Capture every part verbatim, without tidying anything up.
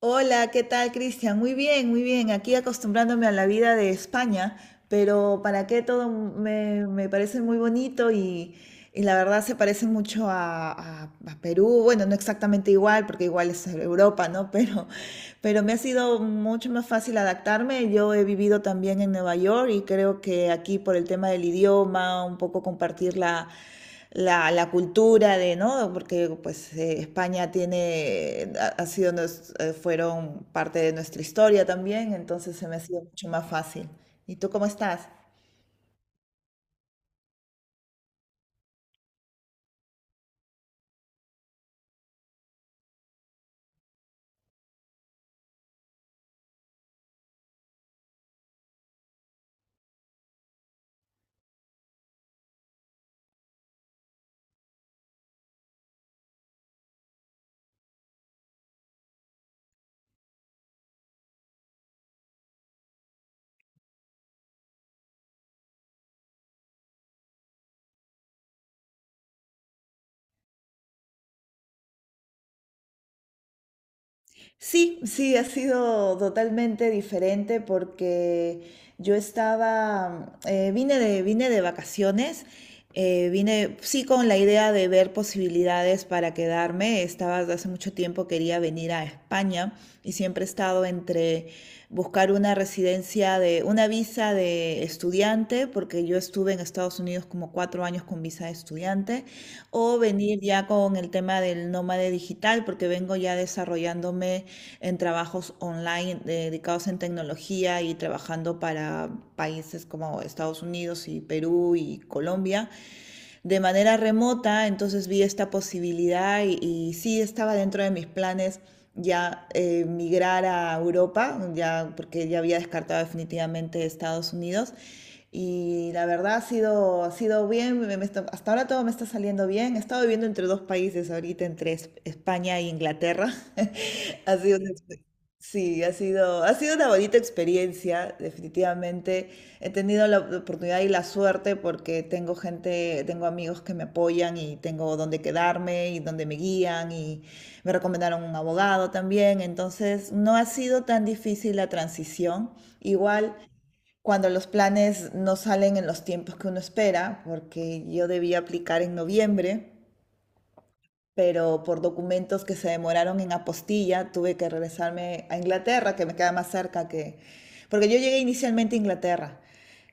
Hola, ¿qué tal, Cristian? Muy bien, muy bien. Aquí acostumbrándome a la vida de España, pero para qué todo me, me parece muy bonito y, y la verdad se parece mucho a, a- a Perú. Bueno, no exactamente igual, porque igual es Europa, ¿no? Pero, pero me ha sido mucho más fácil adaptarme. Yo he vivido también en Nueva York y creo que aquí por el tema del idioma, un poco compartir la la, la cultura de, ¿no? Porque pues eh, España tiene, ha sido, nos- eh, fueron parte de nuestra historia también, entonces se me ha sido mucho más fácil. ¿Y tú cómo estás? Sí, sí, ha sido totalmente diferente porque yo estaba, eh, vine de, vine de vacaciones, eh, vine sí con la idea de ver posibilidades para quedarme. Estaba desde hace mucho tiempo, quería venir a España y siempre he estado entre buscar una residencia de, una visa de estudiante, porque yo estuve en Estados Unidos como cuatro años con visa de estudiante, o venir ya con el tema del nómade digital, porque vengo ya desarrollándome en trabajos online eh, dedicados en tecnología y trabajando para países como Estados Unidos y Perú y Colombia de manera remota, entonces vi esta posibilidad y, y sí estaba dentro de mis planes ya eh, migrar a Europa, ya, porque ya había descartado definitivamente Estados Unidos. Y la verdad ha sido, ha sido bien, me, me está- hasta ahora todo me está saliendo bien. He estado viviendo entre dos países ahorita, entre Es- España e Inglaterra. Ha sido una expe- Sí, ha sido, ha sido una bonita experiencia, definitivamente. He tenido la oportunidad y la suerte porque tengo gente, tengo amigos que me apoyan y tengo donde quedarme y donde me guían y me recomendaron un abogado también. Entonces, no ha sido tan difícil la transición. Igual, cuando los planes no salen en los tiempos que uno espera, porque yo debía aplicar en noviembre, pero por documentos que se demoraron en apostilla, tuve que regresarme a Inglaterra, que me queda más cerca que... Porque yo llegué inicialmente a Inglaterra.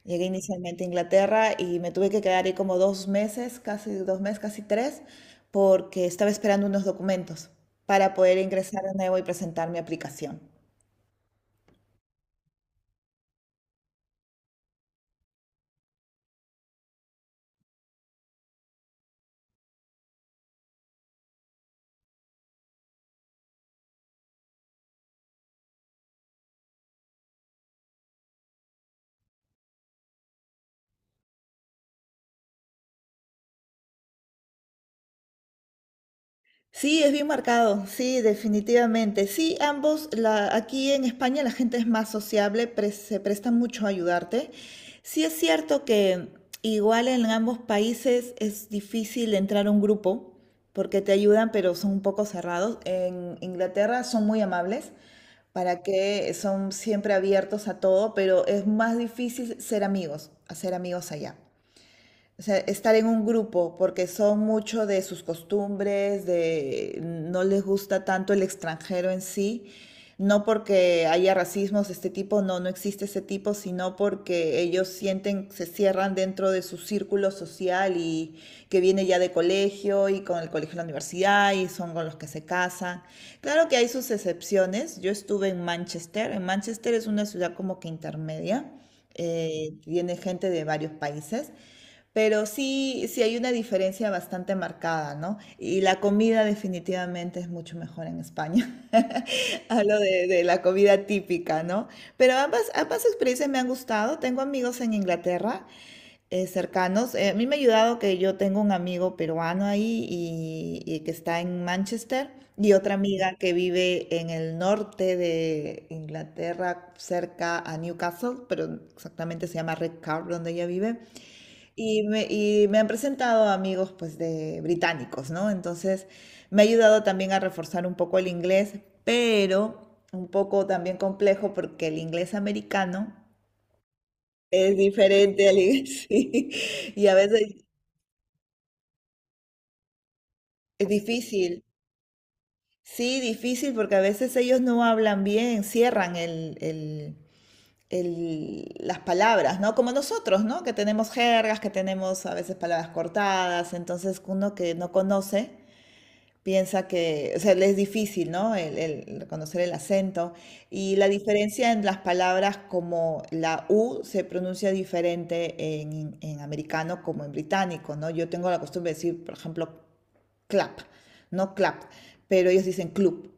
Llegué inicialmente a Inglaterra y me tuve que quedar ahí como dos meses, casi dos meses, casi tres, porque estaba esperando unos documentos para poder ingresar de nuevo y presentar mi aplicación. Sí, es bien marcado, sí, definitivamente. Sí, ambos, la, aquí en España la gente es más sociable, pre- se presta mucho a ayudarte. Sí es cierto que igual en ambos países es difícil entrar a un grupo porque te ayudan, pero son un poco cerrados. En Inglaterra son muy amables, para que son siempre abiertos a todo, pero es más difícil ser amigos, hacer amigos allá. O sea, estar en un grupo, porque son mucho de sus costumbres, de no les gusta tanto el extranjero en sí, no porque haya racismos de este tipo, no, no existe ese tipo, sino porque ellos sienten, se cierran dentro de su círculo social y que viene ya de colegio y con el colegio de la universidad y son con los que se casan. Claro que hay sus excepciones. Yo estuve en Manchester. En Manchester es una ciudad como que intermedia. Eh, tiene gente de varios países. Pero sí, sí hay una diferencia bastante marcada, ¿no? Y la comida definitivamente es mucho mejor en España. Hablo de, de la comida típica, ¿no? Pero ambas, ambas experiencias me han gustado. Tengo amigos en Inglaterra eh, cercanos. Eh, a mí me ha ayudado que yo tengo un amigo peruano ahí y, y que está en Manchester y otra amiga que vive en el norte de Inglaterra, cerca a Newcastle, pero exactamente se llama Redcar, donde ella vive. Y me, y me han presentado amigos pues de británicos, ¿no? Entonces me ha ayudado también a reforzar un poco el inglés, pero un poco también complejo porque el inglés americano es diferente al inglés, sí, y a veces es difícil. Sí, difícil porque a veces ellos no hablan bien, cierran el, el- el- las palabras, ¿no? Como nosotros, ¿no? Que tenemos jergas, que tenemos a veces palabras cortadas, entonces uno que no conoce Piensa que, o sea, le es difícil, ¿no? El, el reconocer el acento. Y la diferencia en las palabras como la U se pronuncia diferente en, en americano como en británico, ¿no? Yo tengo la costumbre de decir, por ejemplo, clap, no clap, pero ellos dicen club.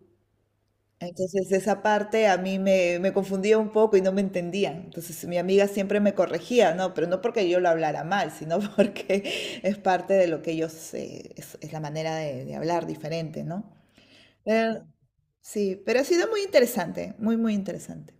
Entonces esa parte a mí me, me confundía un poco y no me entendían. Entonces mi amiga siempre me corregía, ¿no? Pero no porque yo lo hablara mal, sino porque es parte de lo que ellos, eh, es, es la manera de, de hablar diferente, ¿no? Pero- sí, pero ha sido muy interesante, muy, muy interesante.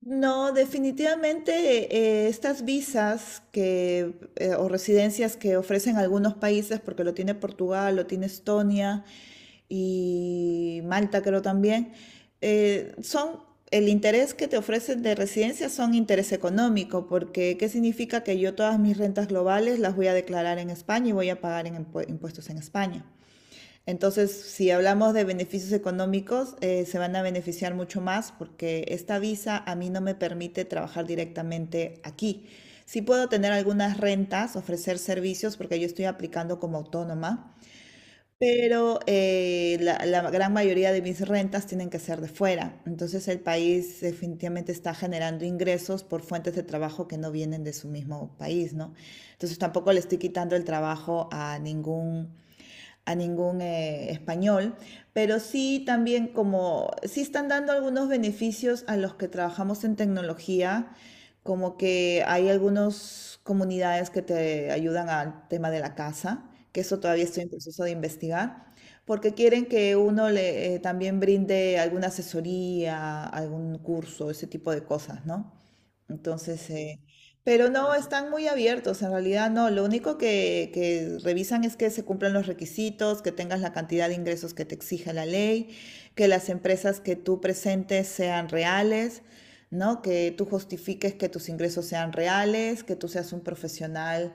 No, definitivamente eh, estas visas que, eh, o residencias que ofrecen algunos países, porque lo tiene Portugal, lo tiene Estonia y Malta creo también, eh, son el interés que te ofrecen de residencia son interés económico, porque ¿qué significa que yo todas mis rentas globales las voy a declarar en España y voy a pagar en impu- impuestos en España? Entonces, si hablamos de beneficios económicos, eh, se van a beneficiar mucho más porque esta visa a mí no me permite trabajar directamente aquí. Sí puedo tener algunas rentas, ofrecer servicios porque yo estoy aplicando como autónoma, pero eh, la, la gran mayoría de mis rentas tienen que ser de fuera. Entonces, el país definitivamente está generando ingresos por fuentes de trabajo que no vienen de su mismo país, ¿no? Entonces, tampoco le estoy quitando el trabajo a ningún a ningún eh, español, pero sí también como, sí están dando algunos beneficios a los que trabajamos en tecnología, como que hay algunas comunidades que te ayudan al tema de la casa, que eso todavía estoy en proceso de investigar, porque quieren que uno le eh, también brinde alguna asesoría, algún curso, ese tipo de cosas, ¿no? Entonces, eh, pero no, están muy abiertos, en realidad no. Lo único que, que revisan es que se cumplan los requisitos, que tengas la cantidad de ingresos que te exige la ley, que las empresas que tú presentes sean reales, ¿no? Que tú justifiques que tus ingresos sean reales, que tú seas un profesional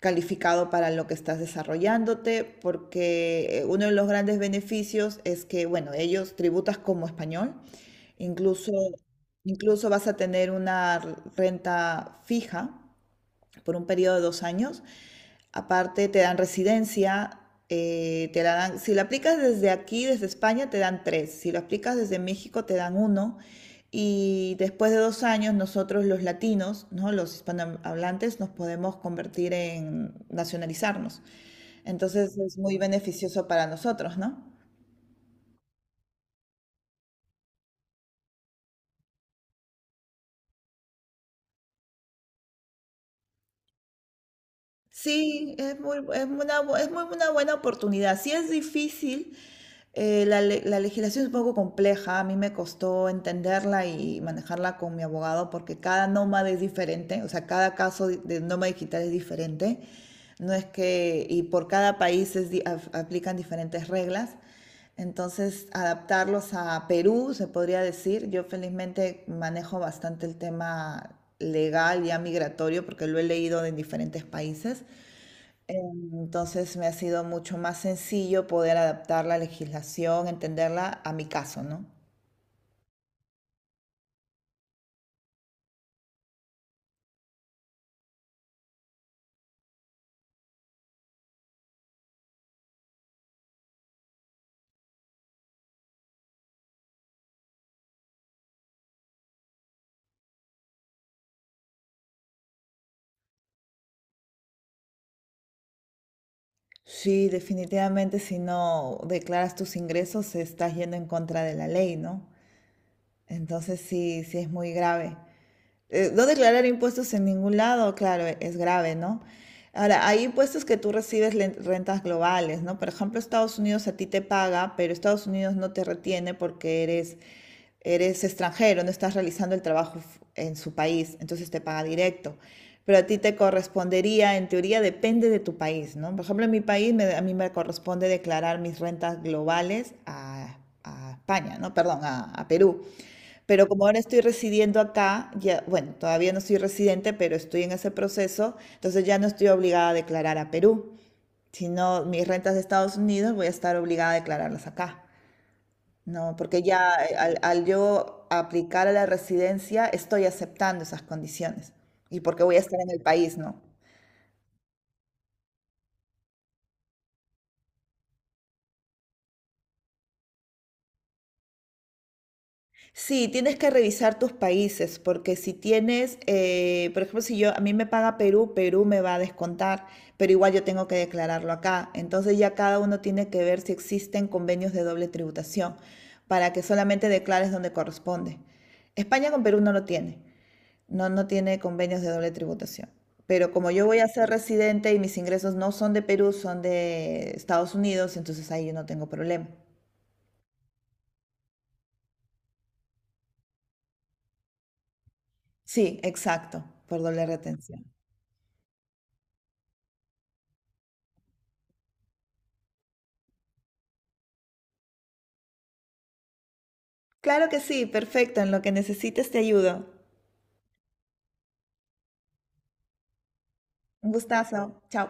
calificado para lo que estás desarrollándote, porque eh, uno de los grandes beneficios es que, bueno, ellos tributas como español. Incluso, incluso vas a tener una r- renta fija por un periodo de dos años. Aparte, te dan residencia, eh, te la dan, si la aplicas desde aquí, desde España, te dan tres. Si lo aplicas desde México, te dan uno. Y después de dos años, nosotros los latinos, ¿no? Los hispanohablantes, nos podemos convertir en nacionalizarnos. Entonces es muy beneficioso para nosotros, ¿no? Sí, es muy, es una, bu- es muy una buena oportunidad. Sí es difícil, eh, la, le- la legislación es un poco compleja, a mí me costó entenderla y manejarla con mi abogado porque cada nómada es diferente, o sea, cada caso de de nómada digital es diferente, no es que, y por cada país es di- af- aplican diferentes reglas, entonces adaptarlos a Perú, se podría decir, yo felizmente manejo bastante el tema legal ya migratorio porque lo he leído en diferentes países. Entonces me ha sido mucho más sencillo poder adaptar la legislación, entenderla a mi caso, ¿no? Sí, definitivamente si no declaras tus ingresos estás yendo en contra de la ley, ¿no? Entonces sí, sí es muy grave. Eh, no declarar impuestos en ningún lado, claro, e, es grave, ¿no? Ahora, hay impuestos que tú recibes len- rentas globales, ¿no? Por ejemplo, Estados Unidos a ti te paga, pero Estados Unidos no te retiene porque eres, eres extranjero, no estás realizando el trabajo f- en su país, entonces te paga directo. Pero a ti te correspondería, en teoría, depende de tu país, ¿no? Por ejemplo, en mi país me- a mí me corresponde declarar mis rentas globales a, a España, ¿no? Perdón, a a Perú. Pero como ahora estoy residiendo acá, ya, bueno, todavía no soy residente, pero estoy en ese proceso, entonces ya no estoy obligada a declarar a Perú, sino mis rentas de Estados Unidos voy a estar obligada a declararlas acá. No, porque ya eh, al, al yo aplicar a la residencia estoy aceptando esas condiciones y porque voy a estar en el país, ¿no? Sí, tienes que revisar tus países, porque si tienes, eh, por ejemplo, si yo, a mí me paga Perú, Perú me va a descontar, pero igual yo tengo que declararlo acá. Entonces ya cada uno tiene que ver si existen convenios de doble tributación, para que solamente declares donde corresponde. España con Perú no lo tiene, no, no tiene convenios de doble tributación. Pero como yo voy a ser residente y mis ingresos no son de Perú, son de Estados Unidos, entonces ahí yo no tengo problema. Sí, exacto, por doble retención. Claro que sí, perfecto. En lo que necesites te ayudo. Un gustazo. Chao.